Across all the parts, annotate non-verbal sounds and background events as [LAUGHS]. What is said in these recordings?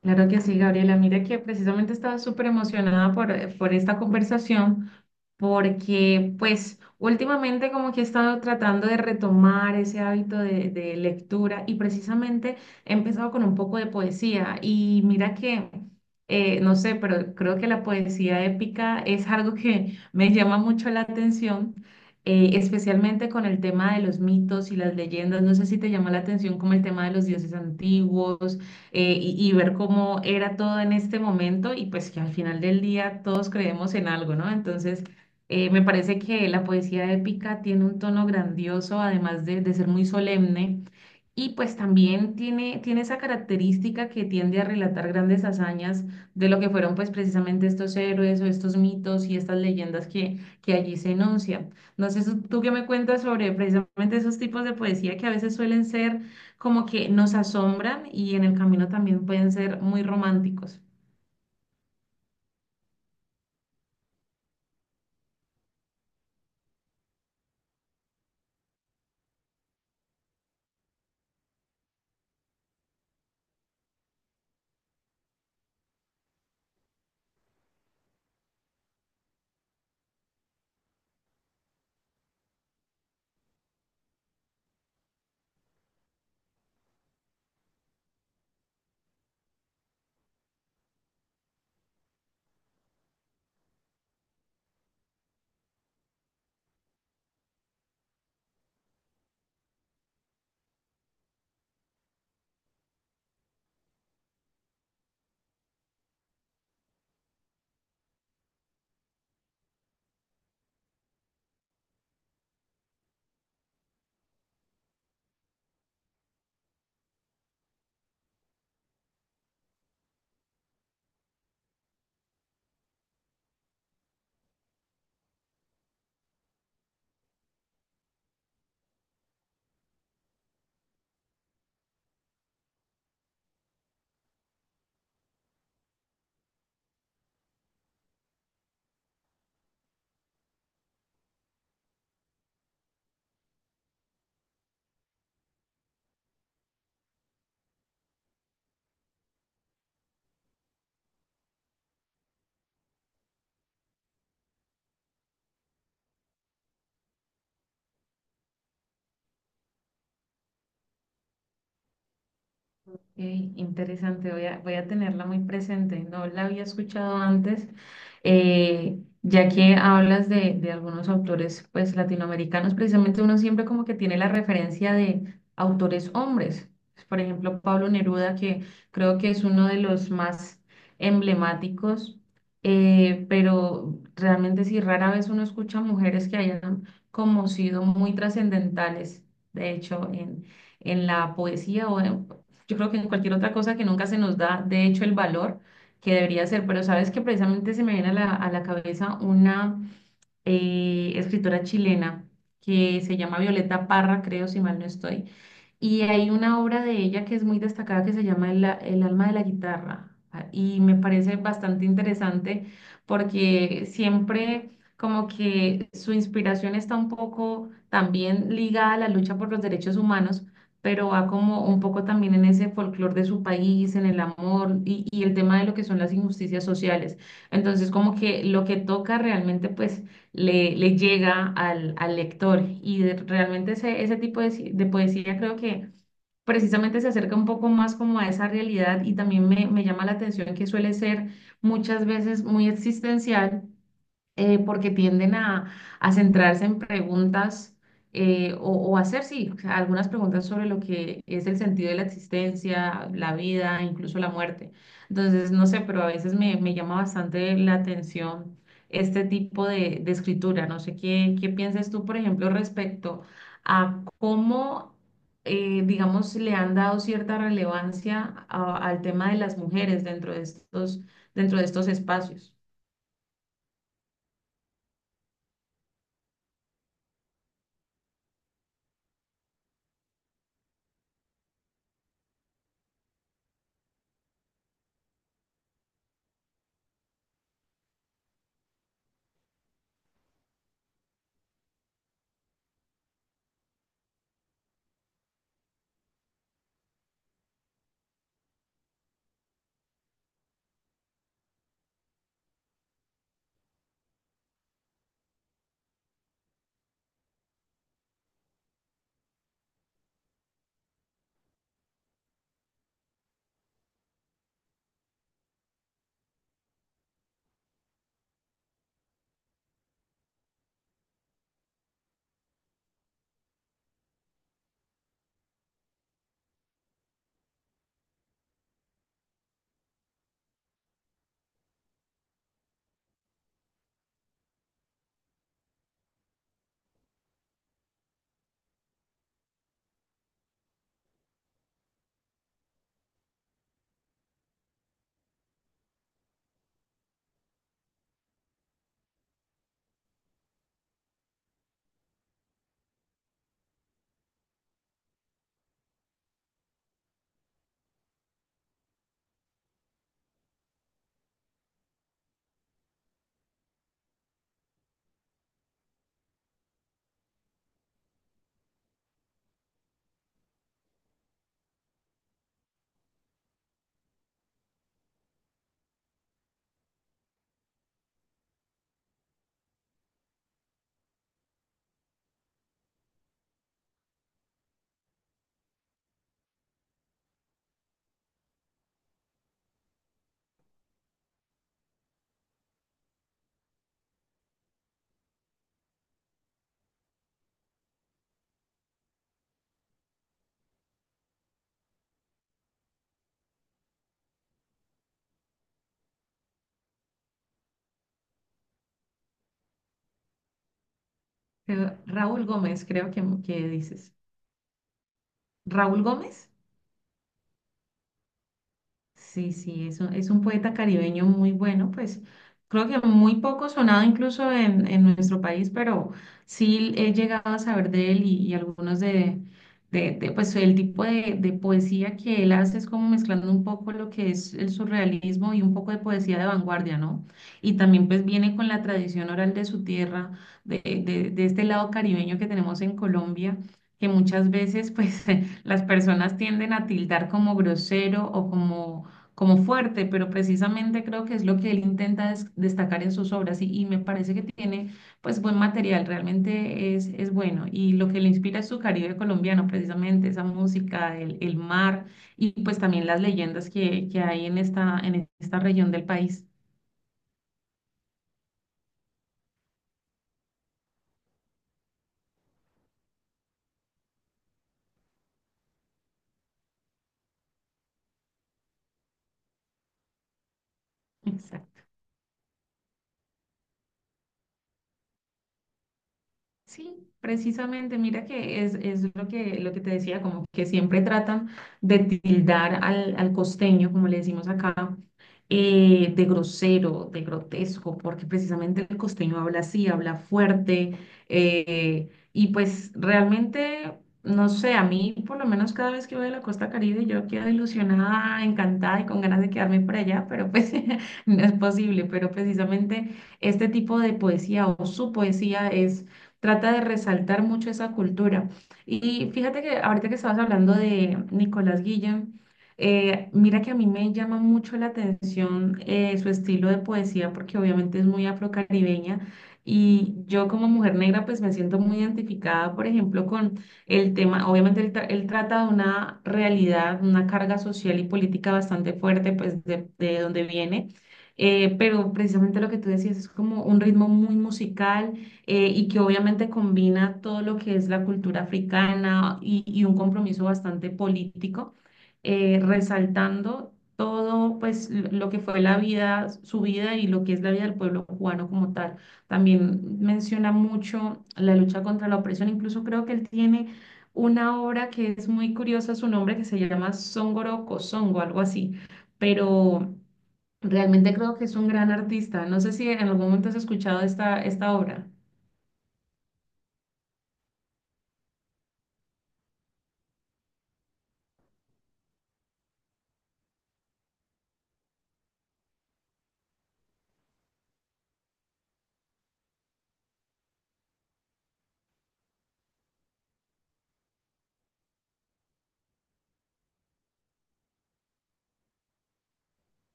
Claro que sí, Gabriela. Mira que precisamente estaba súper emocionada por esta conversación porque pues últimamente como que he estado tratando de retomar ese hábito de lectura y precisamente he empezado con un poco de poesía y mira no sé, pero creo que la poesía épica es algo que me llama mucho la atención, especialmente con el tema de los mitos y las leyendas. No sé si te llama la atención como el tema de los dioses antiguos y ver cómo era todo en este momento y pues que al final del día todos creemos en algo, ¿no? Entonces, me parece que la poesía épica tiene un tono grandioso, además de ser muy solemne. Y pues también tiene esa característica que tiende a relatar grandes hazañas de lo que fueron pues precisamente estos héroes o estos mitos y estas leyendas que allí se enuncian. No sé, tú qué me cuentas sobre precisamente esos tipos de poesía que a veces suelen ser como que nos asombran y en el camino también pueden ser muy románticos. Ey, interesante, voy a tenerla muy presente. No la había escuchado antes, ya que hablas de algunos autores pues latinoamericanos, precisamente uno siempre como que tiene la referencia de autores hombres. Por ejemplo, Pablo Neruda, que creo que es uno de los más emblemáticos, pero realmente sí, rara vez uno escucha mujeres que hayan como sido muy trascendentales, de hecho, en la poesía yo creo que en cualquier otra cosa que nunca se nos da, de hecho, el valor que debería ser. Pero sabes que precisamente se me viene a a la cabeza una escritora chilena que se llama Violeta Parra, creo, si mal no estoy. Y hay una obra de ella que es muy destacada que se llama El alma de la guitarra. Y me parece bastante interesante porque siempre como que su inspiración está un poco también ligada a la lucha por los derechos humanos, pero va como un poco también en ese folclore de su país, en el amor y el tema de lo que son las injusticias sociales. Entonces como que lo que toca realmente pues le llega al lector. Realmente ese tipo de poesía creo que precisamente se acerca un poco más como a esa realidad y también me llama la atención que suele ser muchas veces muy existencial porque tienden a centrarse en preguntas o hacer, sí, o sea, algunas preguntas sobre lo que es el sentido de la existencia, la vida, incluso la muerte. Entonces, no sé, pero a veces me llama bastante la atención este tipo de escritura. No sé qué piensas tú, por ejemplo, respecto a cómo... digamos, le han dado cierta relevancia al tema de las mujeres dentro de estos espacios. Raúl Gómez, creo que dices. ¿Raúl Gómez? Sí, sí, es es un poeta caribeño muy bueno, pues creo que muy poco sonado incluso en nuestro país, pero sí he llegado a saber de él y algunos de, pues el tipo de poesía que él hace es como mezclando un poco lo que es el surrealismo y un poco de poesía de vanguardia, ¿no? Y también pues viene con la tradición oral de su tierra, de, de este lado caribeño que tenemos en Colombia, que muchas veces pues [LAUGHS] las personas tienden a tildar como grosero o como como fuerte, pero precisamente creo que es lo que él intenta destacar en sus obras y me parece que tiene pues buen material, realmente es bueno y lo que le inspira es su Caribe colombiano, precisamente esa música, el mar y pues también las leyendas que hay en esta región del país. [LAUGHS] Exacto. Sí, precisamente, mira que es lo lo que te decía, como que siempre tratan de tildar al costeño, como le decimos acá, de grosero, de grotesco, porque precisamente el costeño habla así, habla fuerte, y pues realmente, no sé, a mí por lo menos cada vez que voy a la Costa Caribe yo quedo ilusionada, encantada y con ganas de quedarme por allá, pero pues [LAUGHS] no es posible, pero precisamente este tipo de poesía o su poesía es trata de resaltar mucho esa cultura. Y fíjate que ahorita que estabas hablando de Nicolás Guillén, mira que a mí me llama mucho la atención su estilo de poesía, porque obviamente es muy afrocaribeña. Y yo como mujer negra, pues me siento muy identificada, por ejemplo, con el tema, obviamente él trata de una realidad, una carga social y política bastante fuerte, pues de donde viene. Pero precisamente lo que tú decías es como un ritmo muy musical y que obviamente combina todo lo que es la cultura africana y un compromiso bastante político, resaltando todo pues lo que fue la vida, su vida y lo que es la vida del pueblo cubano como tal. También menciona mucho la lucha contra la opresión, incluso creo que él tiene una obra que es muy curiosa, su nombre que se llama Songoro Songo, algo así, pero realmente creo que es un gran artista. No sé si en algún momento has escuchado esta obra.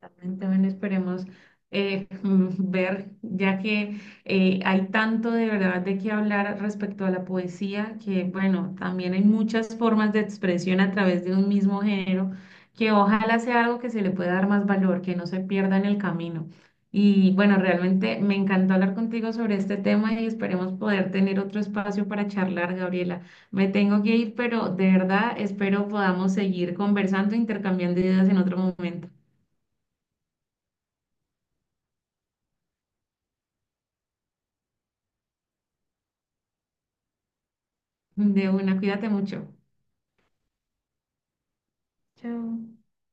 Exactamente, bueno, esperemos [LAUGHS] ver, ya que hay tanto de verdad de qué hablar respecto a la poesía, que bueno, también hay muchas formas de expresión a través de un mismo género, que ojalá sea algo que se le pueda dar más valor, que no se pierda en el camino. Y bueno, realmente me encantó hablar contigo sobre este tema y esperemos poder tener otro espacio para charlar, Gabriela. Me tengo que ir, pero de verdad espero podamos seguir conversando, intercambiando ideas en otro momento. De una, cuídate mucho. Chao.